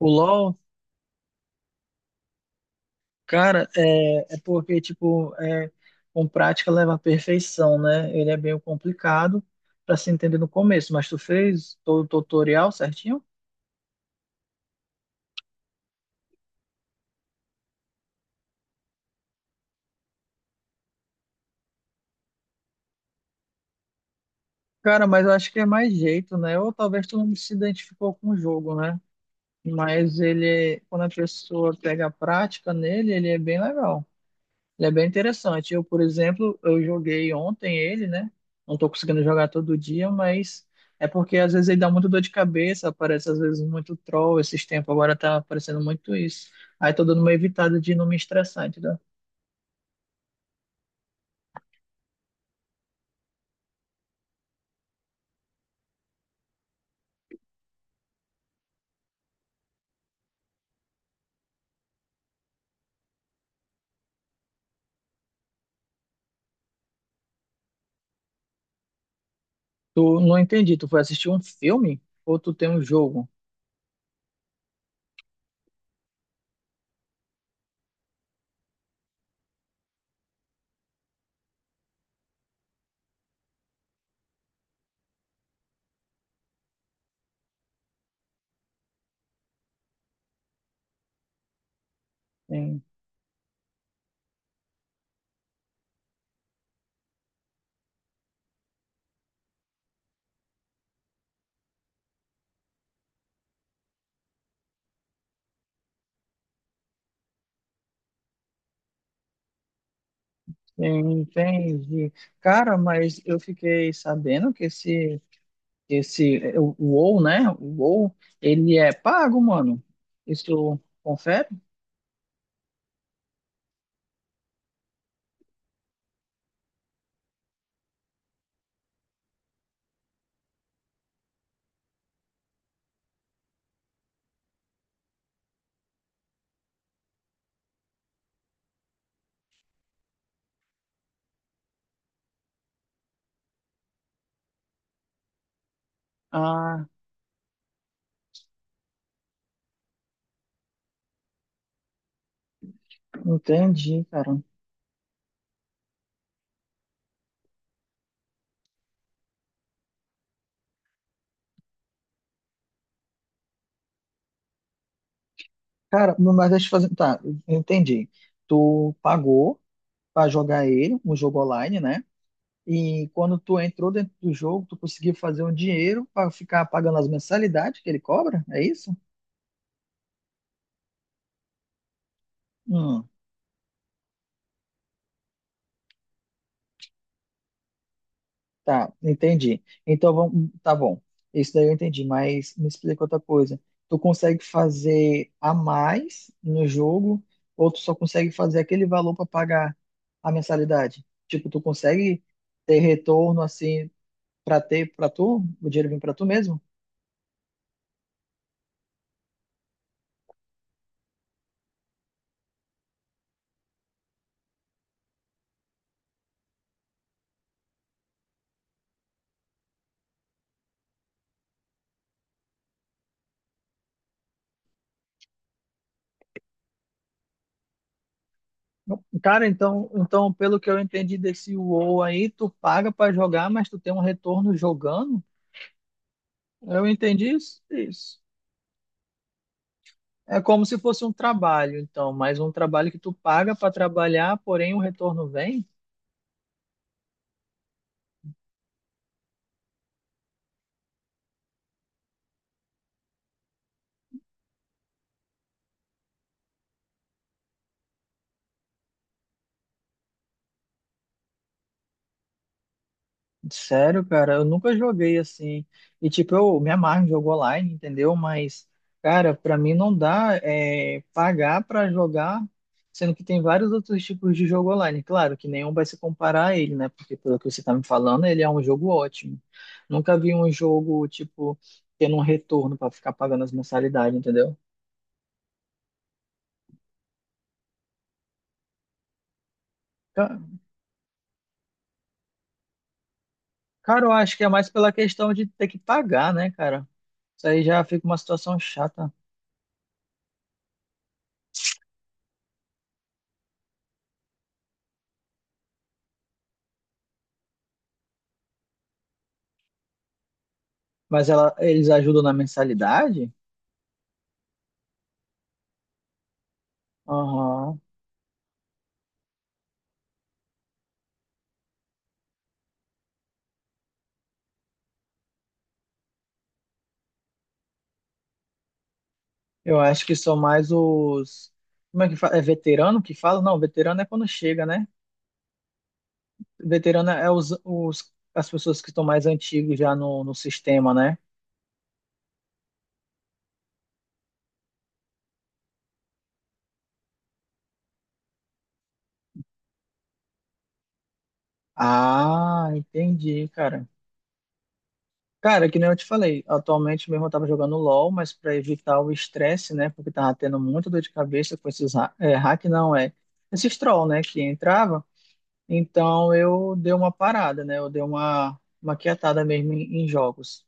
O LoL, cara, é porque, tipo, é, com prática leva à perfeição, né? Ele é bem complicado para se entender no começo, mas tu fez todo o tutorial certinho? Cara, mas eu acho que é mais jeito, né? Ou talvez tu não se identificou com o jogo, né? Mas ele, quando a pessoa pega a prática nele, ele é bem legal. Ele é bem interessante. Eu, por exemplo, eu joguei ontem ele, né? Não tô conseguindo jogar todo dia, mas é porque às vezes ele dá muito dor de cabeça, aparece às vezes muito troll esses tempos, agora tá aparecendo muito isso. Aí tô dando uma evitada de não me estressar, entendeu? Tu não entendi, tu foi assistir um filme ou tu tem um jogo? Tem, tem, entendi. Cara, mas eu fiquei sabendo que esse, o WoW, né? O WoW, ele é pago, mano. Isso confere? Ah. Entendi, cara. Cara, mas deixa eu fazer. Tá, eu entendi. Tu pagou pra jogar ele, um jogo online, né? E quando tu entrou dentro do jogo, tu conseguiu fazer um dinheiro pra ficar pagando as mensalidades que ele cobra? É isso? Hum. Tá, entendi. Então, vamos, tá bom. Isso daí eu entendi, mas me explica outra coisa. Tu consegue fazer a mais no jogo ou tu só consegue fazer aquele valor para pagar a mensalidade? Tipo, tu consegue ter retorno assim para ter para tu, o dinheiro vem para tu mesmo? Não. Cara, então, pelo que eu entendi desse WoW aí, tu paga para jogar, mas tu tem um retorno jogando? Eu entendi isso? Isso. É como se fosse um trabalho, então, mas um trabalho que tu paga para trabalhar, porém o retorno vem? Sério, cara, eu nunca joguei assim. E tipo, eu me amarro em jogo online, entendeu? Mas, cara, para mim não dá é, pagar para jogar, sendo que tem vários outros tipos de jogo online. Claro que nenhum vai se comparar a ele, né? Porque pelo que você tá me falando, ele é um jogo ótimo. Nunca vi um jogo, tipo, tendo um retorno para ficar pagando as mensalidades, entendeu? Cara, eu acho que é mais pela questão de ter que pagar, né, cara? Isso aí já fica uma situação chata. Mas ela, eles ajudam na mensalidade? Aham. Eu acho que são mais os. Como é que fala? É veterano que fala? Não, veterano é quando chega, né? Veterano é os, as pessoas que estão mais antigos já no, no sistema, né? Ah, entendi, cara. Cara, que nem eu te falei, atualmente mesmo eu tava jogando LoL, mas para evitar o estresse, né, porque tava tendo muita dor de cabeça com esses hack, não, é, esses troll, né, que entrava, então eu dei uma parada, né, eu dei uma quietada mesmo em, em jogos.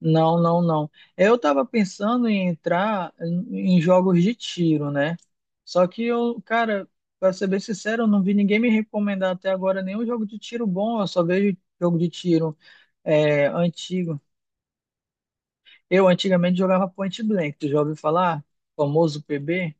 Não, não, não. Eu tava pensando em entrar em, em jogos de tiro, né, só que eu, cara, pra ser bem sincero, eu não vi ninguém me recomendar até agora nenhum jogo de tiro bom, eu só vejo jogo de tiro é, antigo. Eu antigamente jogava Point Blank, tu já ouviu falar? Famoso PB?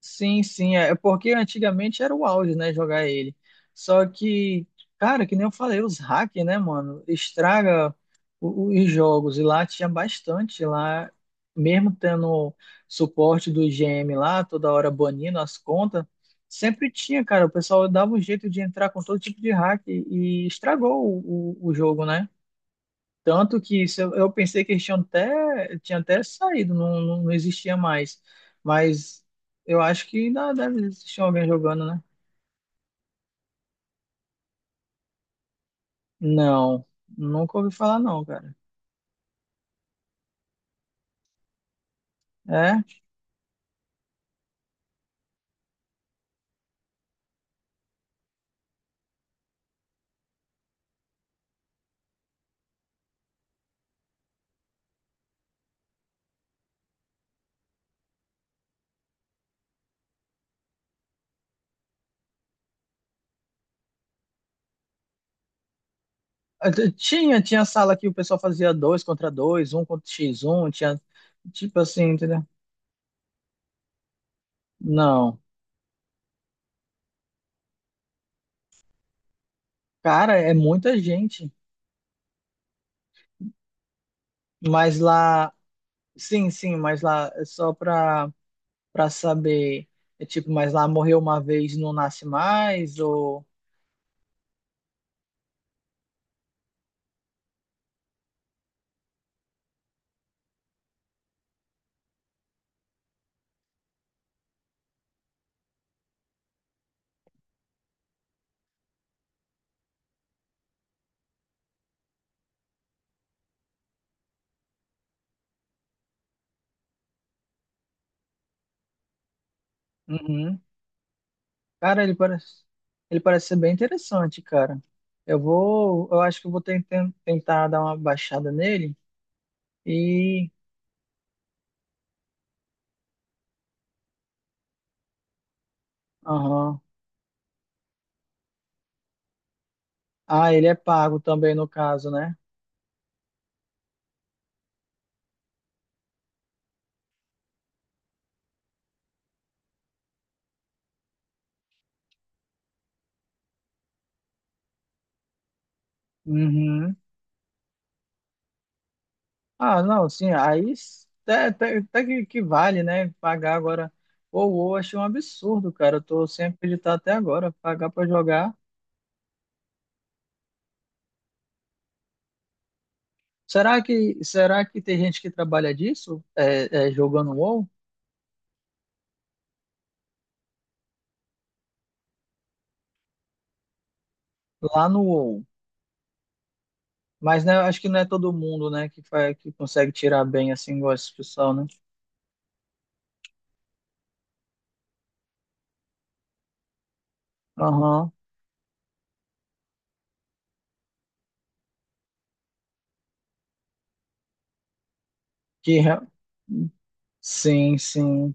Sim, sim, é porque antigamente era o auge, né, jogar ele. Só que, cara, que nem eu falei, os hackers, né, mano, estraga os jogos. E lá tinha bastante, lá, mesmo tendo suporte do IGM lá, toda hora banindo as contas, sempre tinha, cara, o pessoal dava um jeito de entrar com todo tipo de hack e estragou o jogo, né? Tanto que isso, eu pensei que eles tinham até, tinha até saído, não, não, não existia mais. Mas eu acho que ainda deve existir alguém jogando, né? Não, nunca ouvi falar não, cara. É, até tinha, tinha sala que o pessoal fazia dois contra dois, um contra x um tinha, tipo assim, entendeu? Não, cara, é muita gente. Mas lá, sim, sim, mas lá, é só pra, pra saber, é tipo, mas lá morreu uma vez, não nasce mais, ou... Uhum. Cara, ele parece ser bem interessante, cara. Eu vou, eu acho que eu vou tentar dar uma baixada nele e, aham. Ah, ele é pago também no caso, né? Uhum. Ah, não, sim, até, até, até que vale, né? Pagar agora. Ou, achei um absurdo, cara. Eu tô sem acreditar até agora, pagar pra jogar. Será que tem gente que trabalha disso? É, é, jogando WoW? Lá no WoW. Mas né, acho que não é todo mundo, né, que faz, que consegue tirar bem assim igual esse pessoal, né? Aham. Que re- sim, sim.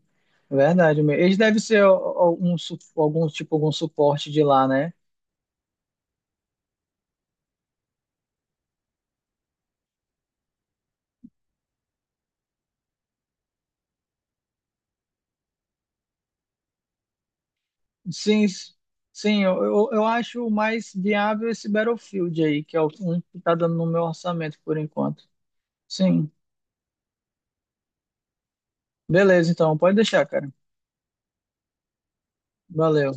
Verdade mesmo. Eles devem ser algum, algum tipo algum suporte de lá, né? Sim, sim, eu acho mais viável esse Battlefield aí, que é o um que tá dando no meu orçamento por enquanto. Sim. Beleza, então, pode deixar, cara. Valeu.